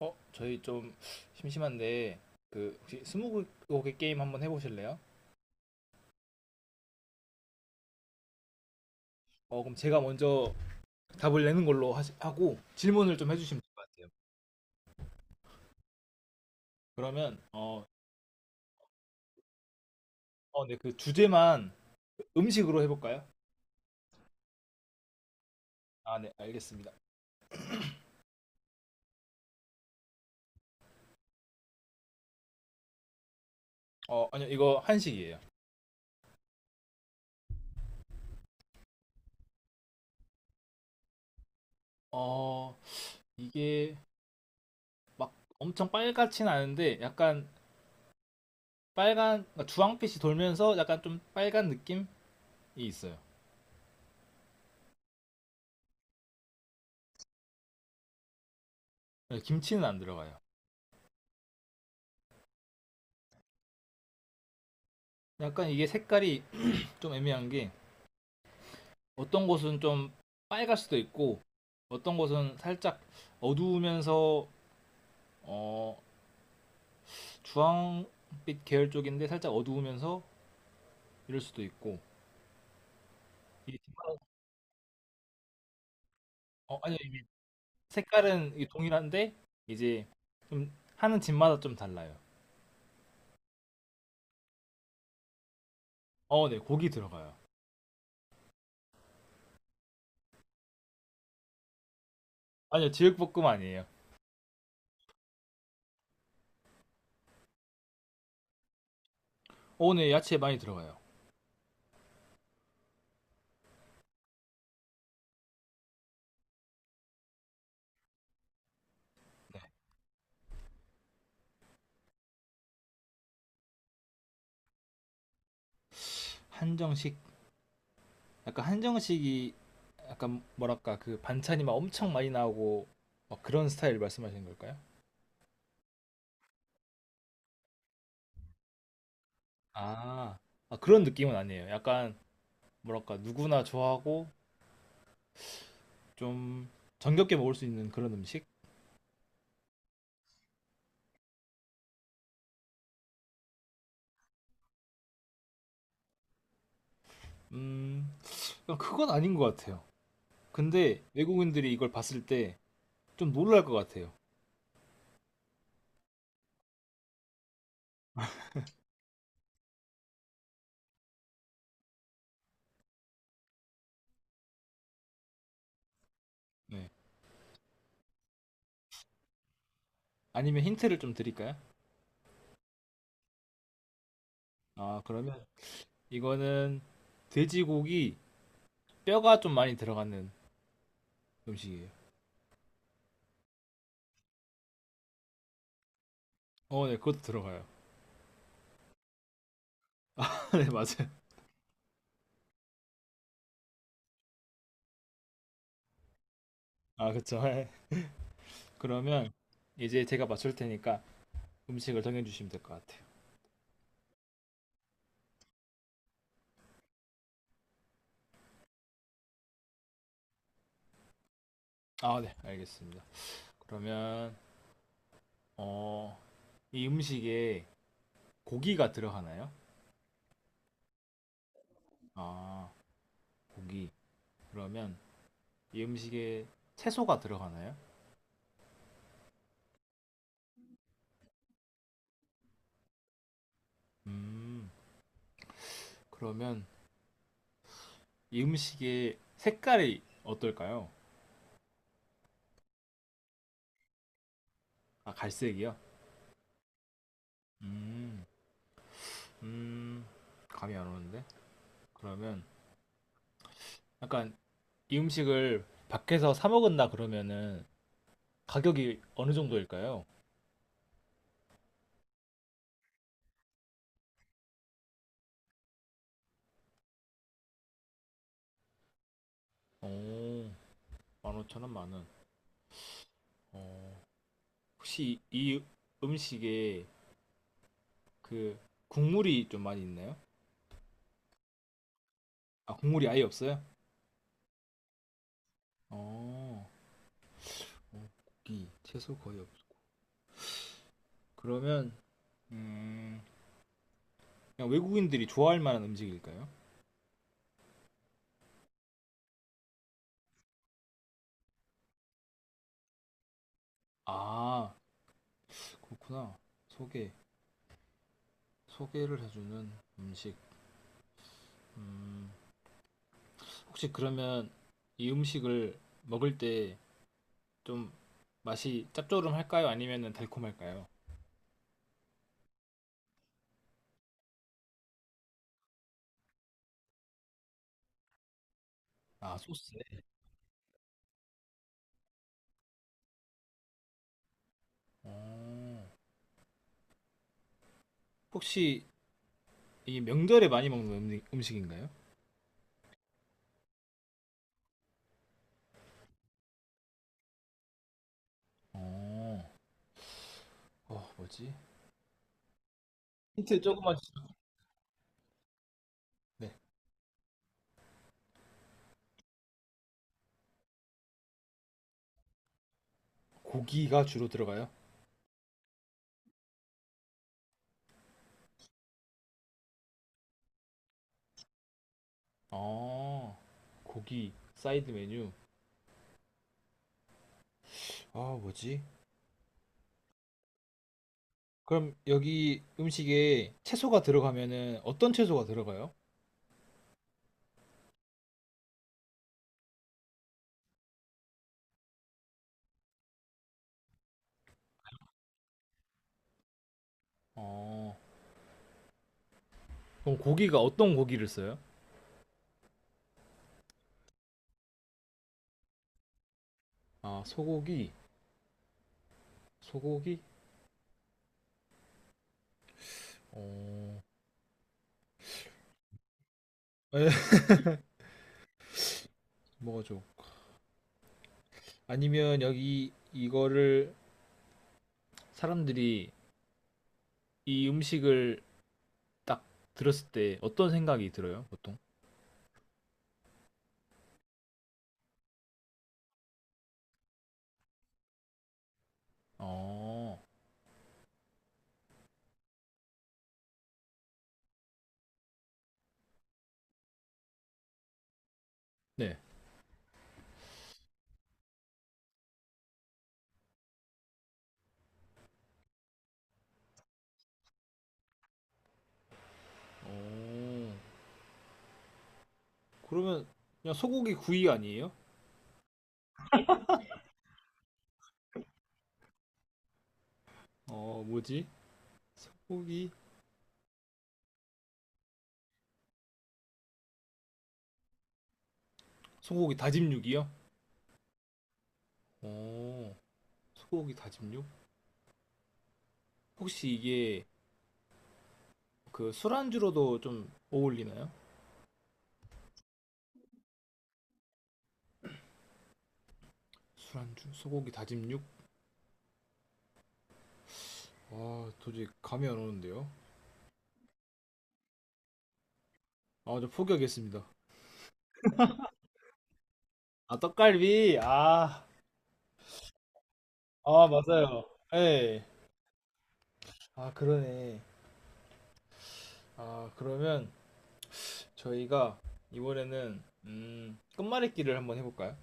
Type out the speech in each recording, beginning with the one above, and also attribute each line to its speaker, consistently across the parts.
Speaker 1: 저희 좀 심심한데 그 혹시 스무고개 게임 한번 해보실래요? 그럼 제가 먼저 답을 내는 걸로 하고 질문을 좀 해주시면 될 것 같아요. 그러면 네, 그 주제만 음식으로 해볼까요? 아, 네, 알겠습니다. 아니요, 이거 한식이에요. 어, 이게 막 엄청 빨갛진 않은데 약간 빨간, 그러니까 주황빛이 돌면서 약간 좀 빨간 느낌이 있어요. 네, 김치는 안 들어가요. 약간 이게 색깔이 좀 애매한 게 어떤 곳은 좀 빨갈 수도 있고 어떤 곳은 살짝 어두우면서 어, 주황빛 계열 쪽인데 살짝 어두우면서 이럴 수도 있고 이게 집마다- 아니 이게 색깔은 이게 동일한데 이제 좀 하는 집마다 좀 달라요. 어, 네 고기 들어가요. 아니요 제육볶음 아니에요. 어, 네 야채 많이 들어가요. 네. 한정식 약간 한정식이 약간 뭐랄까 그 반찬이 막 엄청 많이 나오고 막 그런 스타일 말씀하시는 걸까요? 아, 아, 그런 느낌은 아니에요. 약간, 뭐랄까, 누구나 좋아하고, 좀, 정겹게 먹을 수 있는 그런 음식? 음, 그냥 그건 아닌 것 같아요. 근데, 외국인들이 이걸 봤을 때, 좀 놀랄 것 같아요. 네. 아니면 힌트를 좀 드릴까요? 아, 그러면, 이거는, 돼지고기, 뼈가 좀 많이 들어가는 음식이에요. 어, 네, 그것도 들어가요. 아, 네, 맞아요. 아, 그쵸. 네. 그러면, 이제 제가 맞출 테니까, 음식을 정해주시면 될 것 같아요. 아, 네, 알겠습니다. 그러면, 어, 이 음식에 고기가 들어가나요? 아, 고기. 그러면 이 음식에 채소가 들어가나요? 음, 그러면 이 음식의 색깔이 어떨까요? 아, 갈색이요? 음, 음, 감이 안 오는데? 그러면 약간 이 음식을 밖에서 사 먹은다 그러면은 가격이 어느 정도일까요? 오, 15,000원, 만 원. 어, 혹시 이 음식에 그 국물이 좀 많이 있나요? 아, 국물이 아예 없어요? 어, 고기, 채소 거의 없어. 그러면, 음, 그냥 외국인들이 좋아할 만한 음식일까요? 아, 그렇구나. 소개, 소개를 해주는 음식. 음, 혹시 그러면 이 음식을 먹을 때 좀 맛이 짭조름할까요? 아니면 달콤할까요? 아, 소스에? 어, 혹시 이 명절에 많이 먹는 음식인가요? 어, 뭐지? 힌트 조금만 주세요. 네. 고기가 주로 들어가요? 아, 고기, 사이드 메뉴. 아, 뭐지? 그럼 여기 음식에 채소가 들어가면은 어떤 채소가 들어가요? 어, 그럼 고기가 어떤 고기를 써요? 아, 소고기? 어, 에, 뭐가 좋 아니면 여기 이거를 사람들이 이 음식을 딱 들었을 때 어떤 생각이 들어요, 보통? 어, 네. 어, 그러면 그냥 소고기 구이 아니에요? 어, 뭐지? 소고기 소고기 다짐육이요? 오, 소고기 다짐육? 혹시 이게 그 술안주로도 좀 어울리나요? 술안주, 소고기 다짐육? 아 도저히 감이 안 오는데요? 아, 저 포기하겠습니다. 아, 떡갈비? 아, 맞아요. 예. 아, 그러네. 아, 그러면 저희가 이번에는, 끝말잇기를 한번 해볼까요?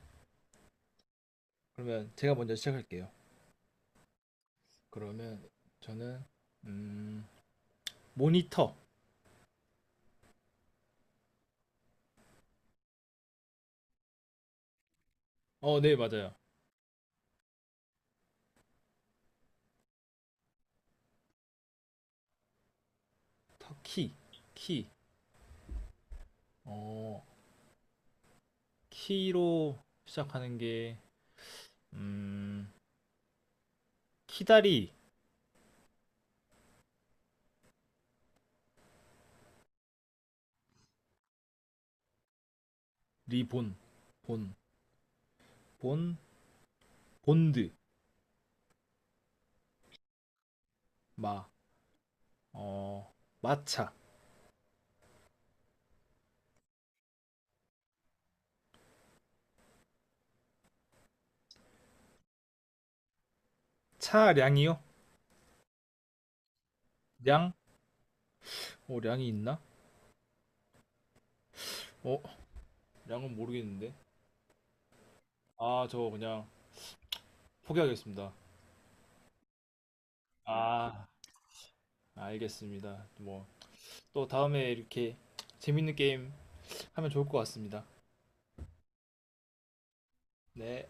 Speaker 1: 그러면 제가 먼저 시작할게요. 그러면 저는, 음, 모니터. 어, 네, 맞아요. 터키, 키. 어, 키로 시작하는 게, 음, 키다리, 리본, 본, 본, 본드, 마, 어, 마차. 차량이요? 량? 어, 량이 있나? 어, 량은 모르겠는데. 아, 저 그냥 포기하겠습니다. 아, 알겠습니다. 뭐, 또 다음에 이렇게 재밌는 게임 하면 좋을 것 같습니다. 네.